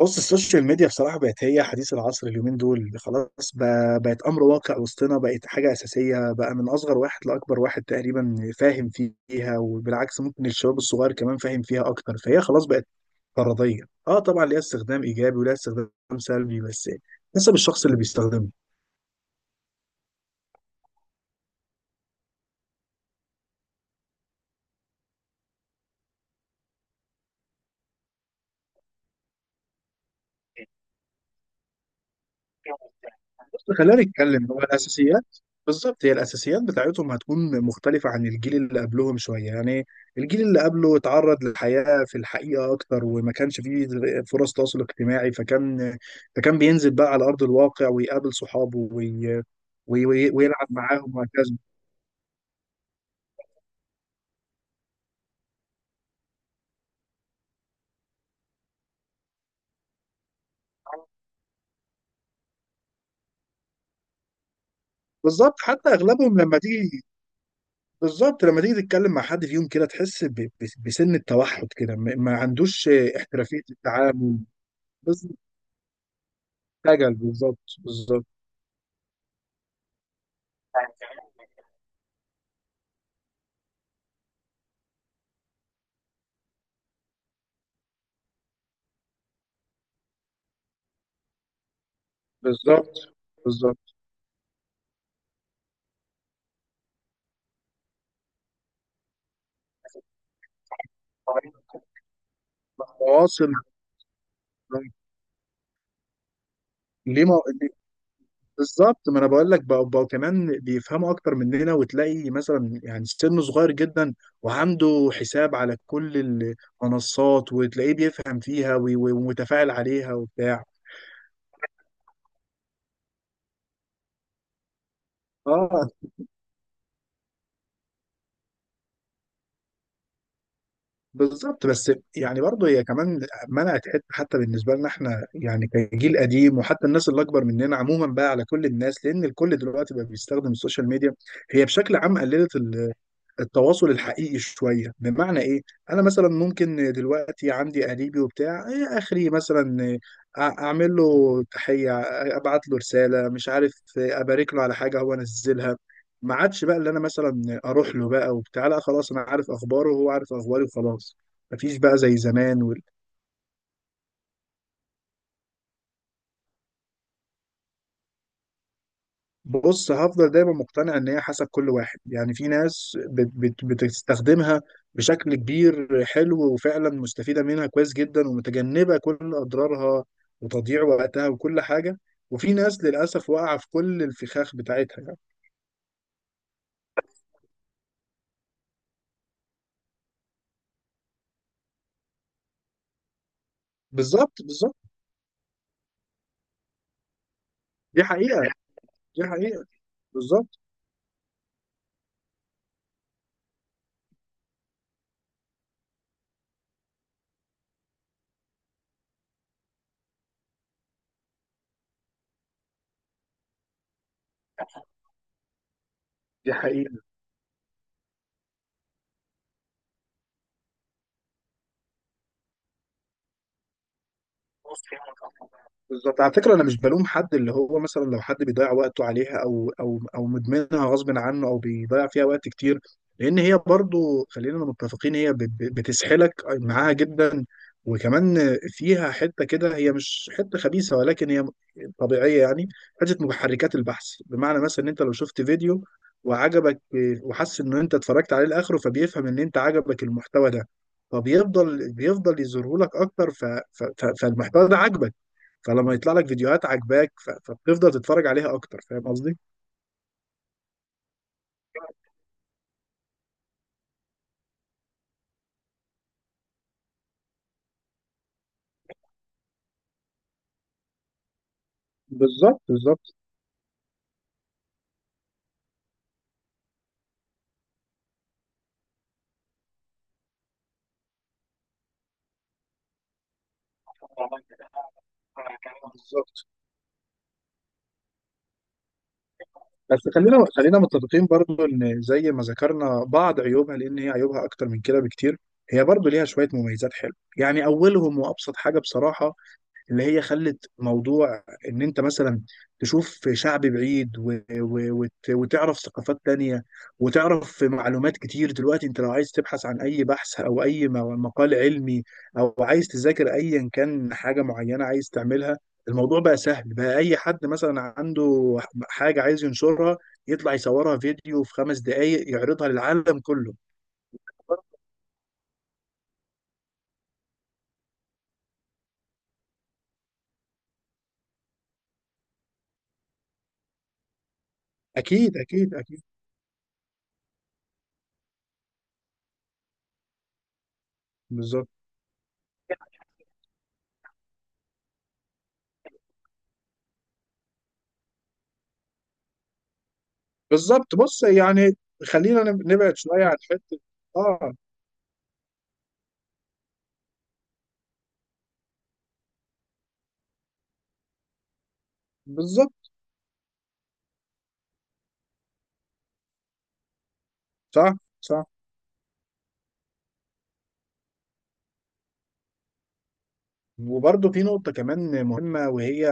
بص، السوشيال ميديا بصراحة بقت هي حديث العصر اليومين دول. خلاص بقت أمر واقع وسطنا، بقت حاجة أساسية بقى. من أصغر واحد لأكبر واحد تقريبا فاهم فيها، وبالعكس ممكن الشباب الصغير كمان فاهم فيها أكتر. فهي خلاص بقت فرضية. اه، طبعا ليها استخدام إيجابي وليها استخدام سلبي، بس حسب الشخص اللي بيستخدمها. بص، خلينا نتكلم. هو الاساسيات بالظبط، هي الاساسيات بتاعتهم هتكون مختلفه عن الجيل اللي قبلهم شويه يعني. الجيل اللي قبله اتعرض للحياه في الحقيقه اكتر، وما كانش فيه فرص تواصل اجتماعي. فكان فكان بينزل بقى على ارض الواقع ويقابل صحابه ويلعب معاهم وهكذا. بالظبط، حتى اغلبهم لما تيجي. بالظبط، لما تيجي تتكلم مع حد فيهم كده تحس بسن التوحد كده، ما عندوش احترافيه التعامل. بس خجل، بالظبط، بالظبط. بالظبط، بالظبط، مواصل. ليه ما... ليه- بالظبط، ما انا بقول لك بقى كمان بيفهموا اكتر مننا، وتلاقي مثلا يعني سنه صغير جدا وعنده حساب على كل المنصات وتلاقيه بيفهم فيها ومتفاعل عليها وبتاع. اه، بالظبط. بس يعني برضه هي كمان منعت حته. حتى بالنسبه لنا احنا يعني كجيل قديم، وحتى الناس اللي اكبر مننا عموما بقى، على كل الناس، لان الكل دلوقتي بقى بيستخدم السوشيال ميديا. هي بشكل عام قللت التواصل الحقيقي شويه. بمعنى ايه؟ انا مثلا ممكن دلوقتي عندي قريبي وبتاع إيه اخري مثلا، اعمل له تحيه، ابعت له رساله، مش عارف، ابارك له على حاجه هو نزلها. ما عادش بقى اللي انا مثلا اروح له بقى وبتاع، لا خلاص، انا عارف اخباره وهو عارف اخباري وخلاص. مفيش بقى زي زمان. بص، هفضل دايما مقتنع ان هي حسب كل واحد. يعني في ناس بت بتستخدمها بشكل كبير حلو وفعلا مستفيدة منها كويس جدا ومتجنبة كل اضرارها وتضييع وقتها وكل حاجة، وفي ناس للاسف واقعة في كل الفخاخ بتاعتها يعني. بالظبط، بالظبط. دي حقيقة، دي حقيقة. بالظبط. دي حقيقة. بالظبط، على فكره، انا مش بلوم حد اللي هو مثلا لو حد بيضيع وقته عليها او او او مدمنها غصب عنه او بيضيع فيها وقت كتير، لان هي برضو خلينا متفقين هي بتسحلك معاها جدا. وكمان فيها حته كده، هي مش حته خبيثه ولكن هي طبيعيه يعني. حته محركات البحث، بمعنى مثلا ان انت لو شفت فيديو وعجبك وحس ان انت اتفرجت عليه لاخره، فبيفهم ان انت عجبك المحتوى ده، فبيفضل بيفضل يظهره لك اكتر. فالمحتوى ده عجبك، فلما يطلع لك فيديوهات عاجباك فبتفضل تتفرج عليها اكتر. فاهم قصدي؟ بالظبط، بالظبط، بالظبط. بس خلينا خلينا متفقين برضو ان زي ما ذكرنا بعض عيوبها، لان هي عيوبها اكتر من كده بكتير. هي برضو ليها شويه مميزات حلوه يعني. اولهم وابسط حاجه بصراحه اللي هي خلت موضوع ان انت مثلا تشوف شعب بعيد وتعرف ثقافات تانية وتعرف معلومات كتير. دلوقتي انت لو عايز تبحث عن اي بحث او اي مقال علمي، او عايز تذاكر ايا كان حاجة معينة عايز تعملها، الموضوع بقى سهل بقى. اي حد مثلا عنده حاجة عايز ينشرها، يطلع يصورها فيديو في 5 دقايق يعرضها للعالم كله. اكيد، اكيد، اكيد. بالظبط، بالظبط. بص يعني، خلينا نبعد شويه عن حته. اه، بالظبط. صح، صح. وبرضه في نقطة كمان مهمة، وهي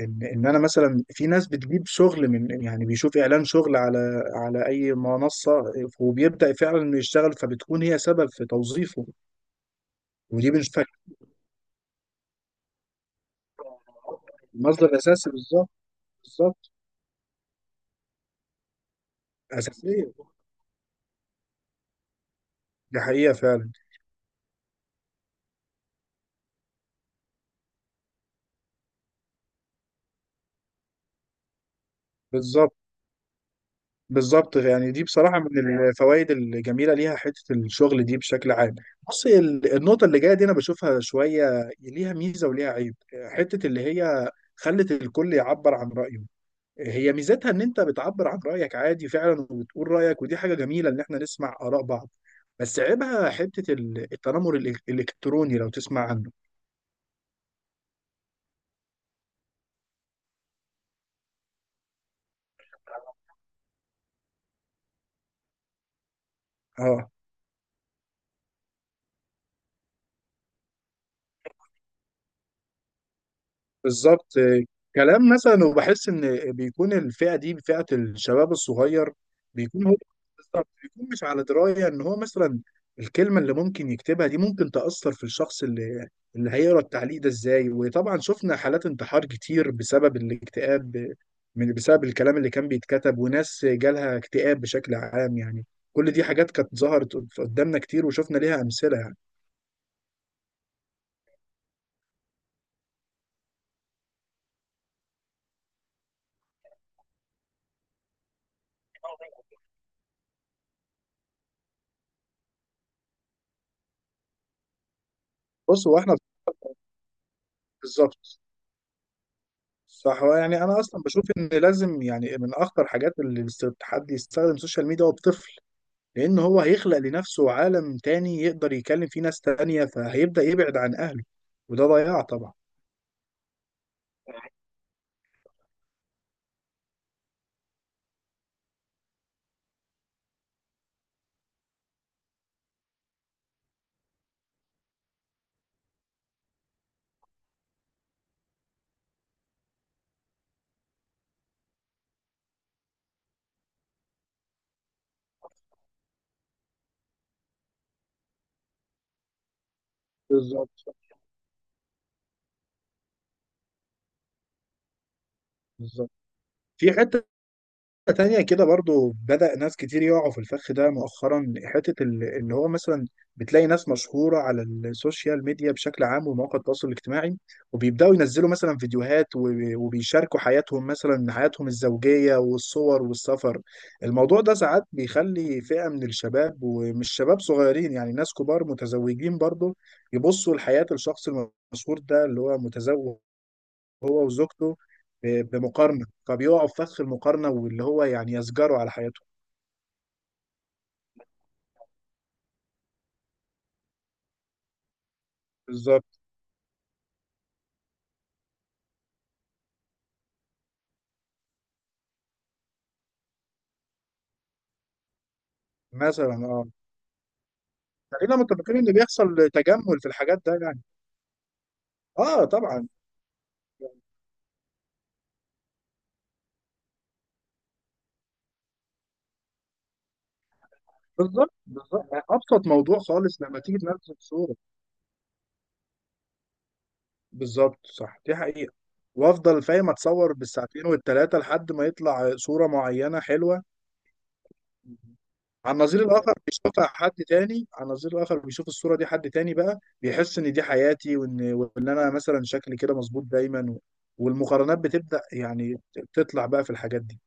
إن أنا مثلا، في ناس بتجيب شغل من، يعني بيشوف إعلان شغل على على أي منصة وبيبدأ فعلا إنه يشتغل، فبتكون هي سبب في توظيفه. ودي بنشوفها مصدر أساسي، بالظبط. بالظبط، أساسية. دي حقيقة فعلا. بالظبط. بالظبط يعني، دي بصراحة من الفوائد الجميلة ليها، حتة الشغل دي بشكل عام. بص، النقطة اللي جاية دي أنا بشوفها شوية ليها ميزة وليها عيب. حتة اللي هي خلت الكل يعبر عن رأيه، هي ميزتها إن أنت بتعبر عن رأيك عادي فعلا وبتقول رأيك، ودي حاجة جميلة إن إحنا نسمع آراء بعض، بس عيبها حتة التنمر الإلكتروني لو تسمع عنه. اه، بالظبط. كلام مثلا، وبحس ان بيكون الفئه دي فئه الشباب الصغير. بيكون هو، بالظبط، بيكون مش على درايه ان هو مثلا الكلمه اللي ممكن يكتبها دي ممكن تاثر في الشخص اللي اللي هيقرا التعليق ده ازاي. وطبعا شفنا حالات انتحار كتير بسبب الاكتئاب من بسبب الكلام اللي كان بيتكتب، وناس جالها اكتئاب بشكل عام يعني. كل دي حاجات كانت ظهرت قدامنا كتير وشفنا ليها امثله يعني. بص، هو احنا، بالظبط، صح. هو يعني انا اصلا بشوف ان لازم يعني من اخطر حاجات اللي الحد يستخدم السوشيال ميديا هو بطفل، لان هو هيخلق لنفسه عالم تاني يقدر يكلم فيه ناس تانية فهيبدأ يبعد عن اهله، وده ضياع طبعا. بالظبط، بالظبط. في حتة تانية كده برضو بدأ ناس كتير يقعوا في الفخ ده مؤخرا. حتة اللي هو مثلا بتلاقي ناس مشهورة على السوشيال ميديا بشكل عام ومواقع التواصل الاجتماعي، وبيبدأوا ينزلوا مثلا فيديوهات وبيشاركوا حياتهم، مثلا حياتهم الزوجية والصور والسفر. الموضوع ده ساعات بيخلي فئة من الشباب، ومش شباب صغيرين يعني، ناس كبار متزوجين برضو، يبصوا لحياة الشخص المشهور ده اللي هو متزوج هو وزوجته بمقارنة، فبيقعوا في فخ المقارنة واللي هو يعني يسجروا على حياتهم. بالظبط، مثلا. اه، خلينا متفقين ان بيحصل تجمل في الحاجات ده يعني. اه، طبعا. بالظبط، بالظبط. ابسط موضوع خالص لما تيجي تنزل صورة. بالظبط، صح، دي حقيقة. وافضل فاهم اتصور بالساعتين والتلاتة لحد ما يطلع صورة معينة حلوة. على النظير الآخر بيشوفها حد تاني. على النظير الآخر بيشوف الصورة دي حد تاني بقى، بيحس إن دي حياتي، وإن أنا مثلا شكلي كده مظبوط دايما، و... والمقارنات بتبدأ يعني تطلع بقى في الحاجات دي.